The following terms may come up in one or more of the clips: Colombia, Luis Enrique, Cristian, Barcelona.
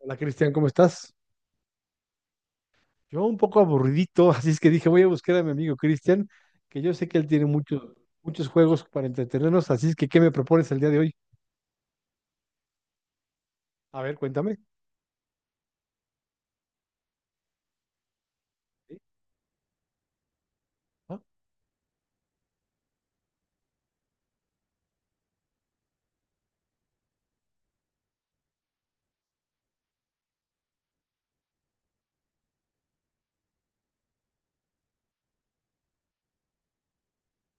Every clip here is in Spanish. Hola Cristian, ¿cómo estás? Yo un poco aburridito, así es que dije, voy a buscar a mi amigo Cristian, que yo sé que él tiene muchos juegos para entretenernos, así es que ¿qué me propones el día de hoy? A ver, cuéntame. ¿Sí? Ah,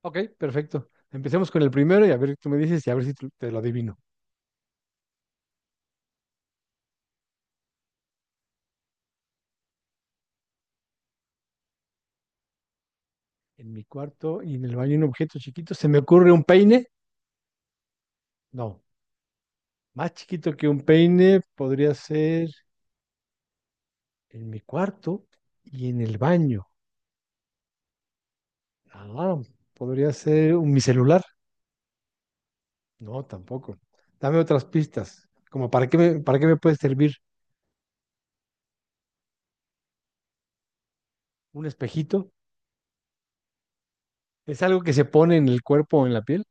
ok, perfecto. Empecemos con el primero y a ver, tú me dices y a ver si tú- te lo adivino. En mi cuarto y en el baño hay un objeto chiquito. ¿Se me ocurre un peine? No, más chiquito que un peine podría ser en mi cuarto y en el baño. Ah, podría ser mi celular. No, tampoco. Dame otras pistas. Como para qué me puede servir ¿un espejito? ¿Es algo que se pone en el cuerpo o en la piel?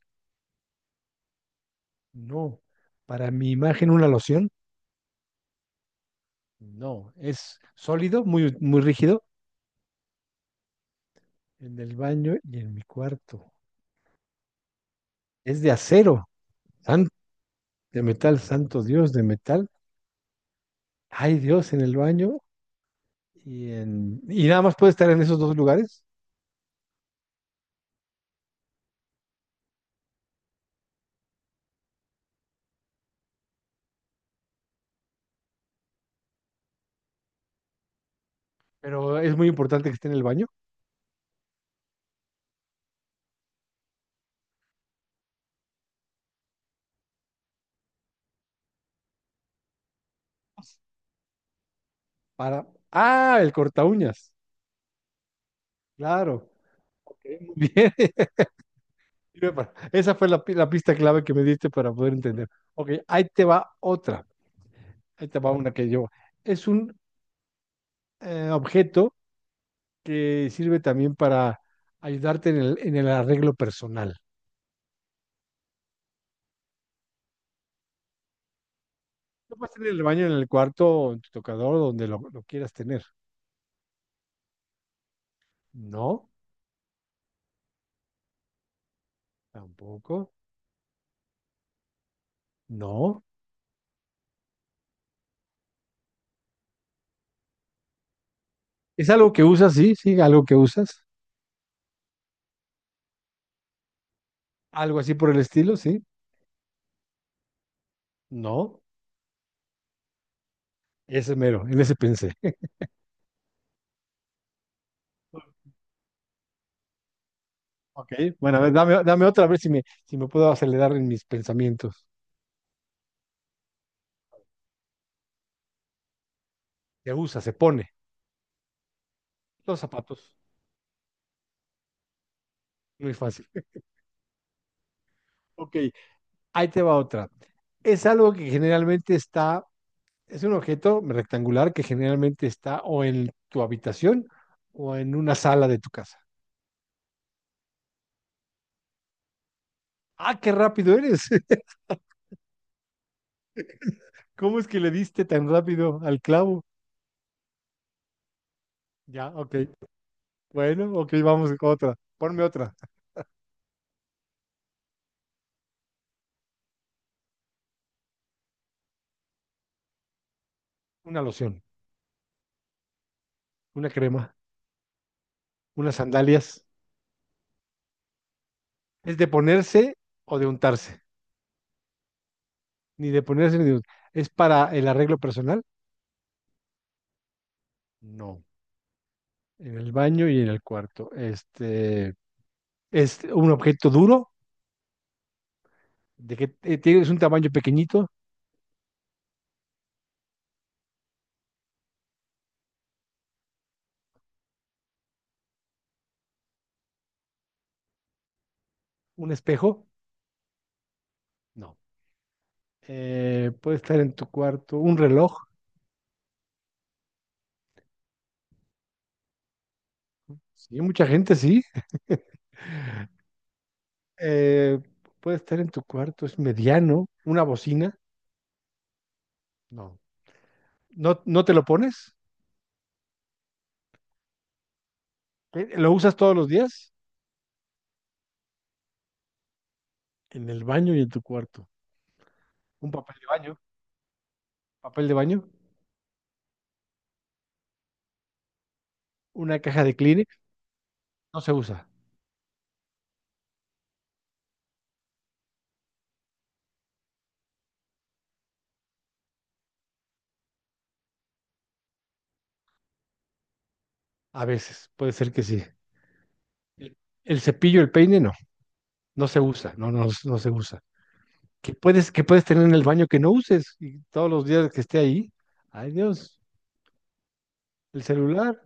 No. ¿Para mi imagen una loción? No. ¿Es sólido, muy, muy rígido? En el baño y en mi cuarto. ¿Es de acero? san- de metal, santo Dios, de metal. Hay Dios, en el baño y en... Y nada más puede estar en esos dos lugares, pero es muy importante que esté en el baño para... Ah, el corta uñas. Claro. Ok, muy bien. Sirve para... Esa fue la, la pista clave que me diste para poder entender. Ok, ahí te va otra. Ahí te va una que yo. Es un objeto que sirve también para ayudarte en en el arreglo personal. Lo puedes tener en el baño, en el cuarto, o en tu tocador, donde lo quieras tener. No, tampoco. No. ¿Es algo que usas? Sí, sí, algo que usas. Algo así por el estilo, sí. No. Ese mero, en ese pensé. Ok, bueno, a ver, dame otra, a ver si me puedo acelerar en mis pensamientos. Se usa, se pone. Los zapatos, muy fácil. Ok, ahí te va otra. Es algo que es un objeto rectangular que generalmente está o en tu habitación o en una sala de tu casa. Ah, qué rápido eres. ¿Cómo es que le diste tan rápido al clavo? Ya, ok. Bueno, ok, vamos con otra. Ponme otra. Una loción, una crema, unas sandalias. ¿Es de ponerse o de untarse? Ni de ponerse ni de untarse. ¿Es para el arreglo personal? No. En el baño y en el cuarto. Este, es un objeto duro, de que es un tamaño pequeñito, un espejo. No. Puede estar en tu cuarto, un reloj. Sí, mucha gente sí. Eh, puede estar en tu cuarto, es mediano, una bocina. No. ¿No, no te lo pones? ¿Eh, lo usas todos los días? En el baño y en tu cuarto. Un papel de baño, una caja de Kleenex, no se usa. A veces, puede ser que sí. El, el cepillo, el peine, no, no se usa, no se usa. ¿Qué qué puedes tener en el baño que no uses? Y todos los días que esté ahí, ay Dios, el celular,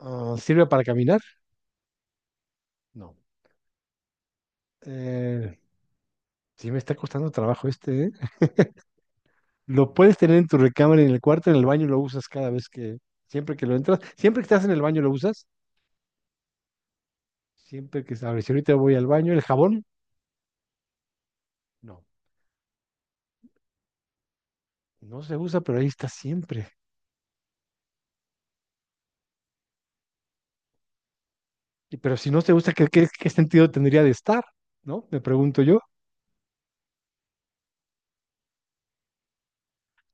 ah, sirve para caminar. No. Eh, sí me está costando trabajo este, ¿eh? Lo puedes tener en tu recámara, en el cuarto, en el baño lo usas siempre que lo entras, siempre que estás en el baño lo usas, a ver, si ahorita voy al baño, el jabón, no, no se usa, pero ahí está siempre. Y, pero si no se usa, qué sentido tendría de estar? ¿No? Me pregunto yo.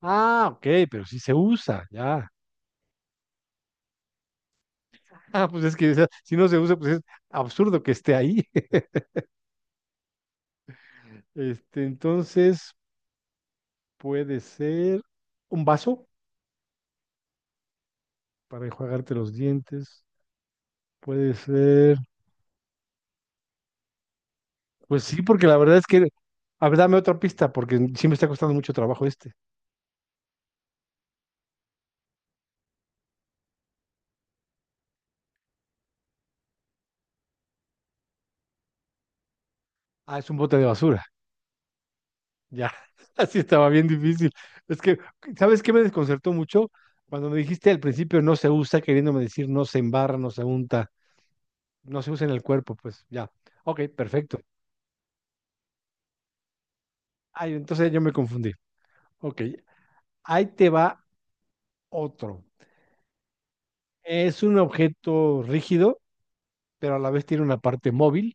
Ah, ok, pero sí se usa, ya. Ah, pues es que o sea, si no se usa, pues es absurdo que esté ahí. Este, entonces puede ser un vaso para enjuagarte los dientes. Puede ser, pues sí, porque la verdad es que, a ver, dame otra pista, porque sí me está costando mucho trabajo este. Ah, es un bote de basura. Ya, así estaba bien difícil. Es que, ¿sabes qué me desconcertó mucho? Cuando me dijiste al principio no se usa, queriéndome decir no se embarra, no se unta, no se usa en el cuerpo, pues ya. Ok, perfecto. Ay, entonces yo me confundí. Ok, ahí te va otro. Es un objeto rígido, pero a la vez tiene una parte móvil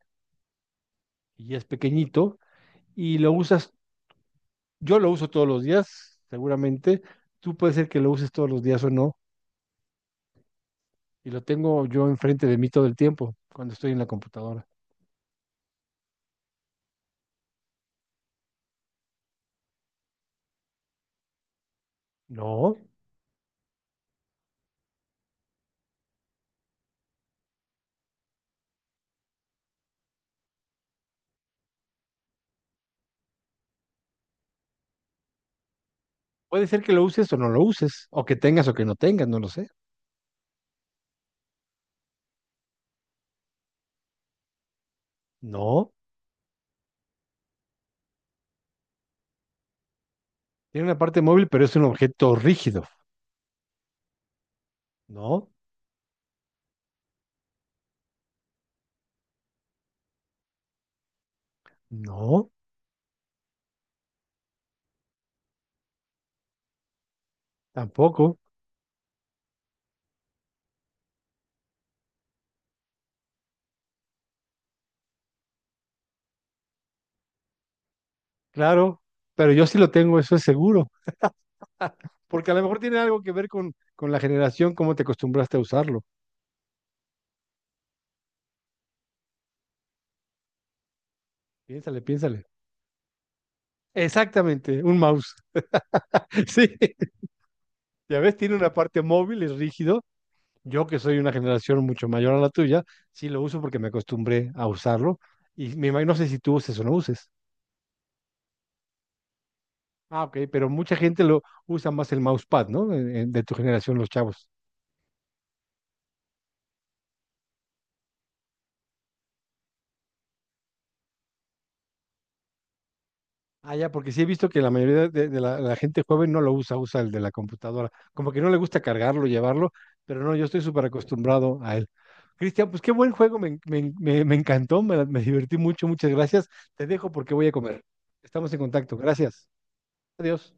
y es pequeñito y lo usas, yo lo uso todos los días, seguramente. Tú puede ser que lo uses todos los días o no, y lo tengo yo enfrente de mí todo el tiempo cuando estoy en la computadora. No, puede ser que lo uses o no lo uses, o que tengas o que no tengas, no lo sé. No, tiene una parte móvil, pero es un objeto rígido. No, no, tampoco, claro, pero yo sí lo tengo, eso es seguro, porque a lo mejor tiene algo que ver con la generación, cómo te acostumbraste a usarlo. Piénsale, piénsale. Exactamente, un mouse. Sí, ya ves, tiene una parte móvil, es rígido. Yo que soy una generación mucho mayor a la tuya, sí lo uso porque me acostumbré a usarlo y me imagino, no sé si tú uses o no uses. Ah, ok, pero mucha gente lo usa más el mousepad, ¿no? De tu generación, los chavos. Ah, ya, porque sí he visto que la mayoría de la gente joven no lo usa, usa el de la computadora. Como que no le gusta cargarlo, llevarlo, pero no, yo estoy súper acostumbrado a él. Cristian, pues qué buen juego, me encantó, me divertí mucho, muchas gracias. Te dejo porque voy a comer. Estamos en contacto, gracias. Adiós.